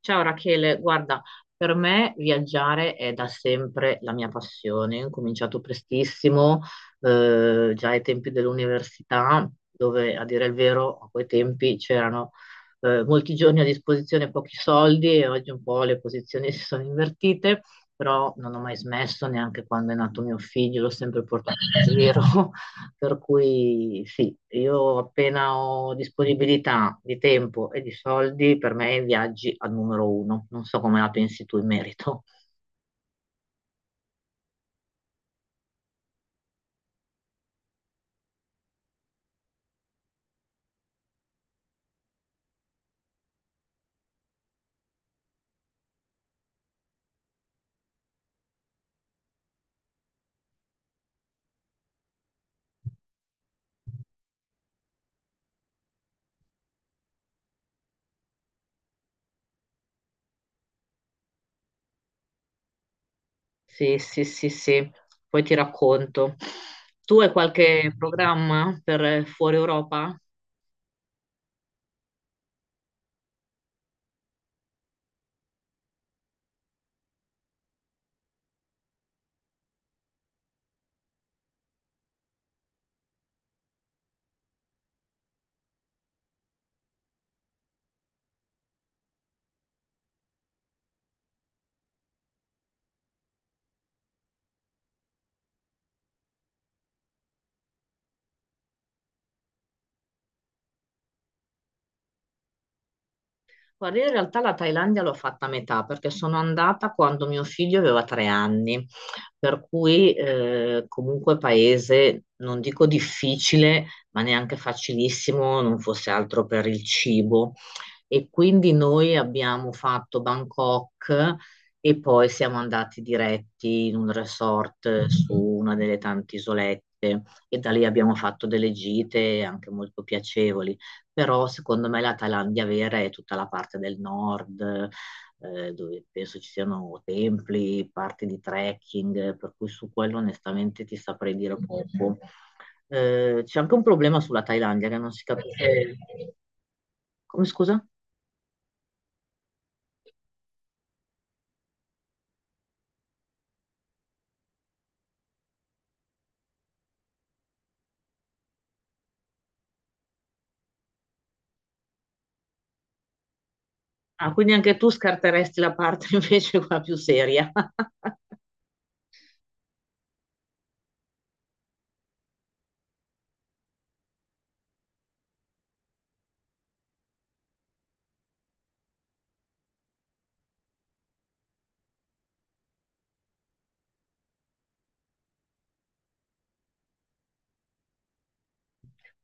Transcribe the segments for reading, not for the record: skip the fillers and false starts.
Ciao Rachele, guarda, per me viaggiare è da sempre la mia passione. Ho cominciato prestissimo, già ai tempi dell'università, dove a dire il vero, a quei tempi c'erano molti giorni a disposizione, e pochi soldi e oggi un po' le posizioni si sono invertite, però non ho mai smesso, neanche quando è nato mio figlio, l'ho sempre portato in giro. Per cui sì, io appena ho disponibilità di tempo e di soldi, per me i viaggi al numero uno. Non so come la pensi tu in merito. Sì, sì, sì, sì. Poi ti racconto. Tu hai qualche programma per fuori Europa? Guarda, io in realtà la Thailandia l'ho fatta a metà perché sono andata quando mio figlio aveva 3 anni, per cui comunque paese, non dico difficile, ma neanche facilissimo, non fosse altro per il cibo. E quindi noi abbiamo fatto Bangkok e poi siamo andati diretti in un resort su una delle tante isolette e da lì abbiamo fatto delle gite anche molto piacevoli. Però secondo me la Thailandia vera è tutta la parte del nord, dove penso ci siano templi, parti di trekking, per cui su quello onestamente ti saprei dire poco. C'è anche un problema sulla Thailandia che non si capisce. Come scusa? Ah, quindi anche tu scarteresti la parte invece quella più seria.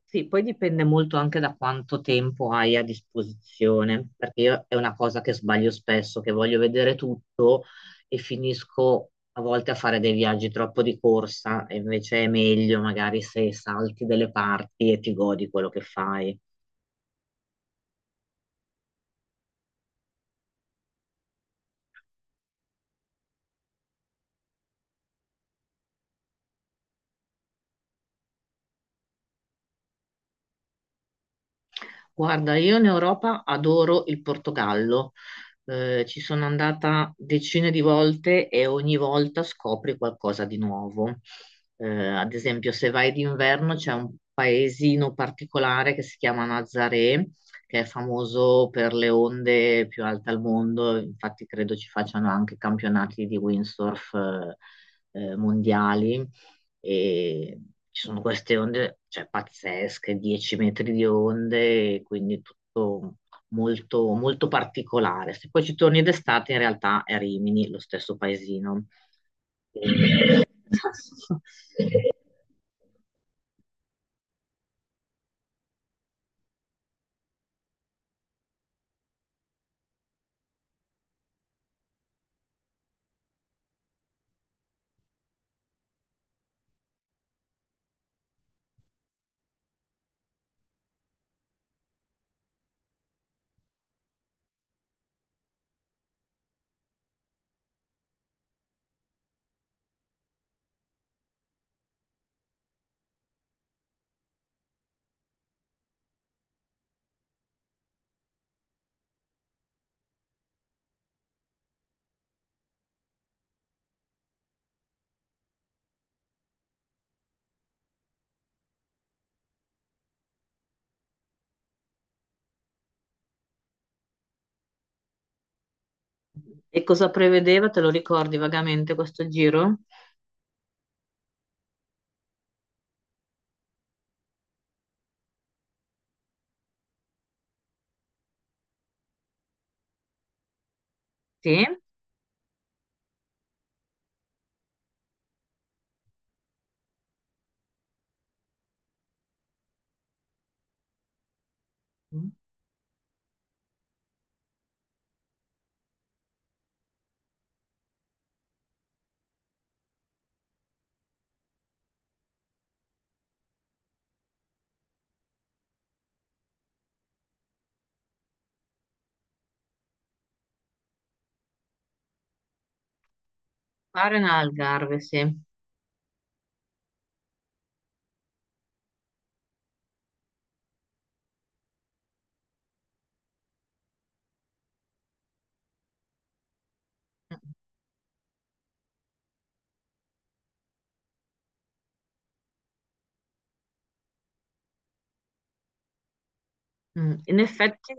Sì, poi dipende molto anche da quanto tempo hai a disposizione, perché io è una cosa che sbaglio spesso, che voglio vedere tutto e finisco a volte a fare dei viaggi troppo di corsa, e invece è meglio magari se salti delle parti e ti godi quello che fai. Guarda, io in Europa adoro il Portogallo. Ci sono andata decine di volte e ogni volta scopri qualcosa di nuovo. Ad esempio, se vai d'inverno c'è un paesino particolare che si chiama Nazaré, che è famoso per le onde più alte al mondo. Infatti, credo ci facciano anche campionati di windsurf, mondiali e ci sono queste onde, cioè pazzesche, 10 metri di onde, e quindi tutto molto, molto particolare. Se poi ci torni d'estate, in realtà è Rimini, lo stesso paesino. E cosa prevedeva? Te lo ricordi vagamente questo giro? Sì, fare in Algarve, sì. Mm. In effetti.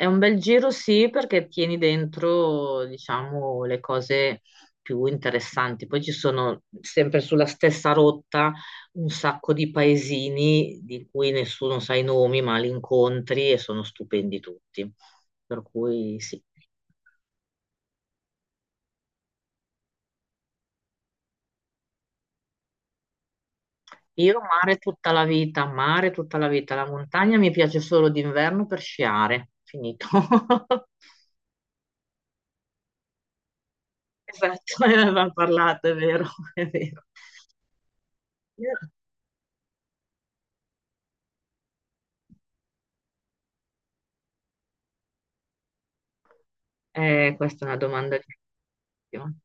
È un bel giro, sì, perché tieni dentro, diciamo, le cose più interessanti. Poi ci sono sempre sulla stessa rotta un sacco di paesini di cui nessuno sa i nomi, ma li incontri e sono stupendi tutti. Per cui sì. Io mare tutta la vita, mare tutta la vita. La montagna mi piace solo d'inverno per sciare. Finito. Esatto, ne avevamo parlato, è vero, è vero. Io Questa è una domanda difficilissima.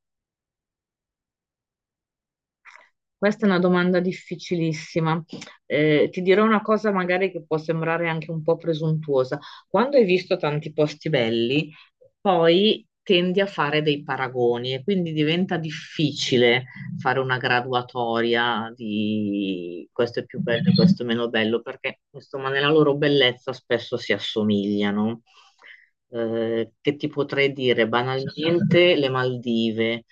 Questa è una domanda difficilissima. Ti dirò una cosa magari che può sembrare anche un po' presuntuosa. Quando hai visto tanti posti belli, poi tendi a fare dei paragoni e quindi diventa difficile fare una graduatoria di questo è più bello e questo è meno bello, perché insomma nella loro bellezza spesso si assomigliano. Che ti potrei dire? Banalmente le Maldive.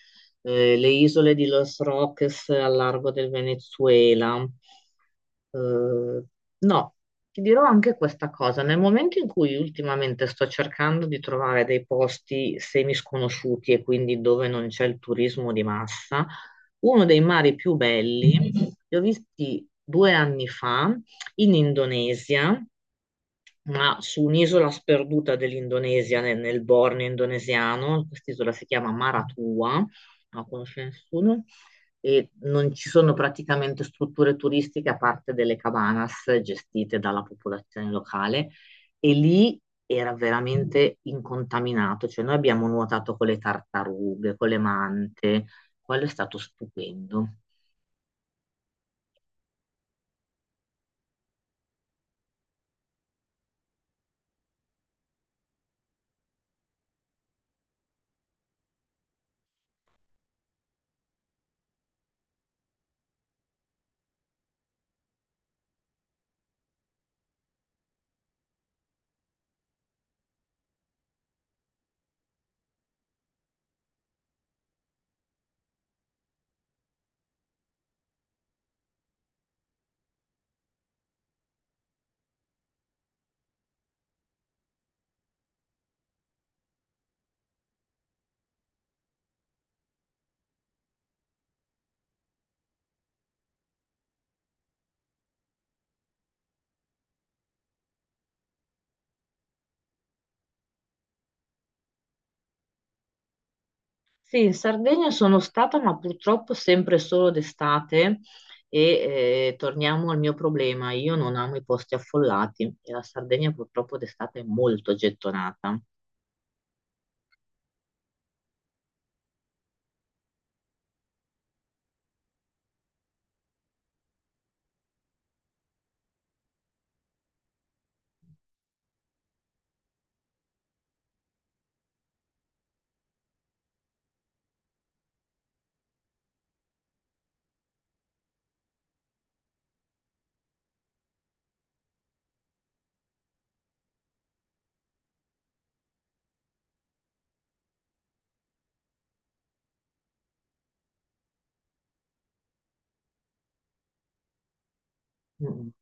Le isole di Los Roques al largo del Venezuela. Eh, no, ti dirò anche questa cosa. Nel momento in cui ultimamente sto cercando di trovare dei posti semisconosciuti e quindi dove non c'è il turismo di massa, uno dei mari più belli, li ho visti 2 anni fa in Indonesia ma su un'isola sperduta dell'Indonesia, nel Borneo indonesiano, quest'isola si chiama Maratua, non la conosce nessuno, e non ci sono praticamente strutture turistiche a parte delle cabanas gestite dalla popolazione locale, e lì era veramente incontaminato, cioè noi abbiamo nuotato con le tartarughe, con le mante, quello è stato stupendo. Sì, in Sardegna sono stata, ma purtroppo sempre solo d'estate e torniamo al mio problema. Io non amo i posti affollati e la Sardegna purtroppo d'estate è molto gettonata. Mm. Mm.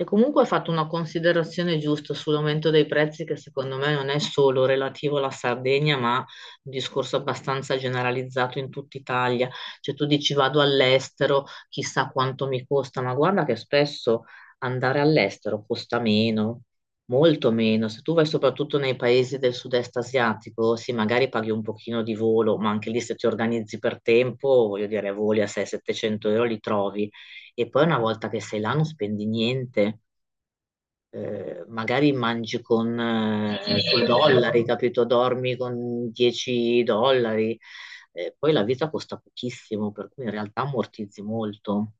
E comunque hai fatto una considerazione giusta sull'aumento dei prezzi che secondo me non è solo relativo alla Sardegna, ma un discorso abbastanza generalizzato in tutta Italia. Cioè tu dici vado all'estero, chissà quanto mi costa, ma guarda che spesso andare all'estero costa meno, molto meno. Se tu vai soprattutto nei paesi del sud-est asiatico, sì, magari paghi un pochino di volo, ma anche lì se ti organizzi per tempo, voglio dire, voli a 600-700 euro li trovi. E poi una volta che sei là non spendi niente magari mangi con coi dollari, capito? Dormi con 10 dollari. Poi la vita costa pochissimo, per cui in realtà ammortizzi molto.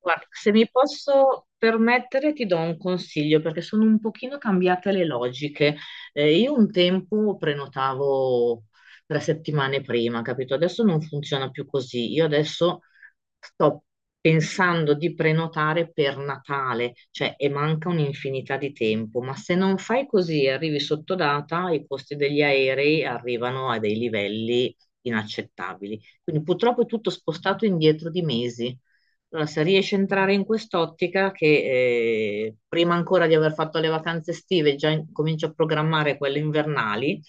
Guarda, se mi posso permettere, ti do un consiglio perché sono un pochino cambiate le logiche. Io un tempo prenotavo 3 settimane prima, capito? Adesso non funziona più così. Io adesso sto pensando di prenotare per Natale, cioè e manca un'infinità di tempo, ma se non fai così e arrivi sotto data, i costi degli aerei arrivano a dei livelli inaccettabili. Quindi purtroppo è tutto spostato indietro di mesi. Allora, se riesci a entrare in quest'ottica che prima ancora di aver fatto le vacanze estive cominci a programmare quelle invernali,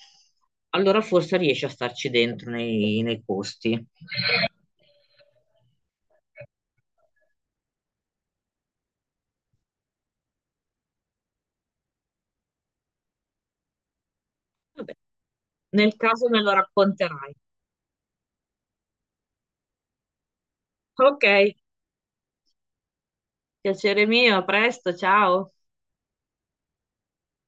allora forse riesci a starci dentro nei, nei costi. Vabbè, nel caso me lo racconterai. Ok, piacere mio, a presto, ciao.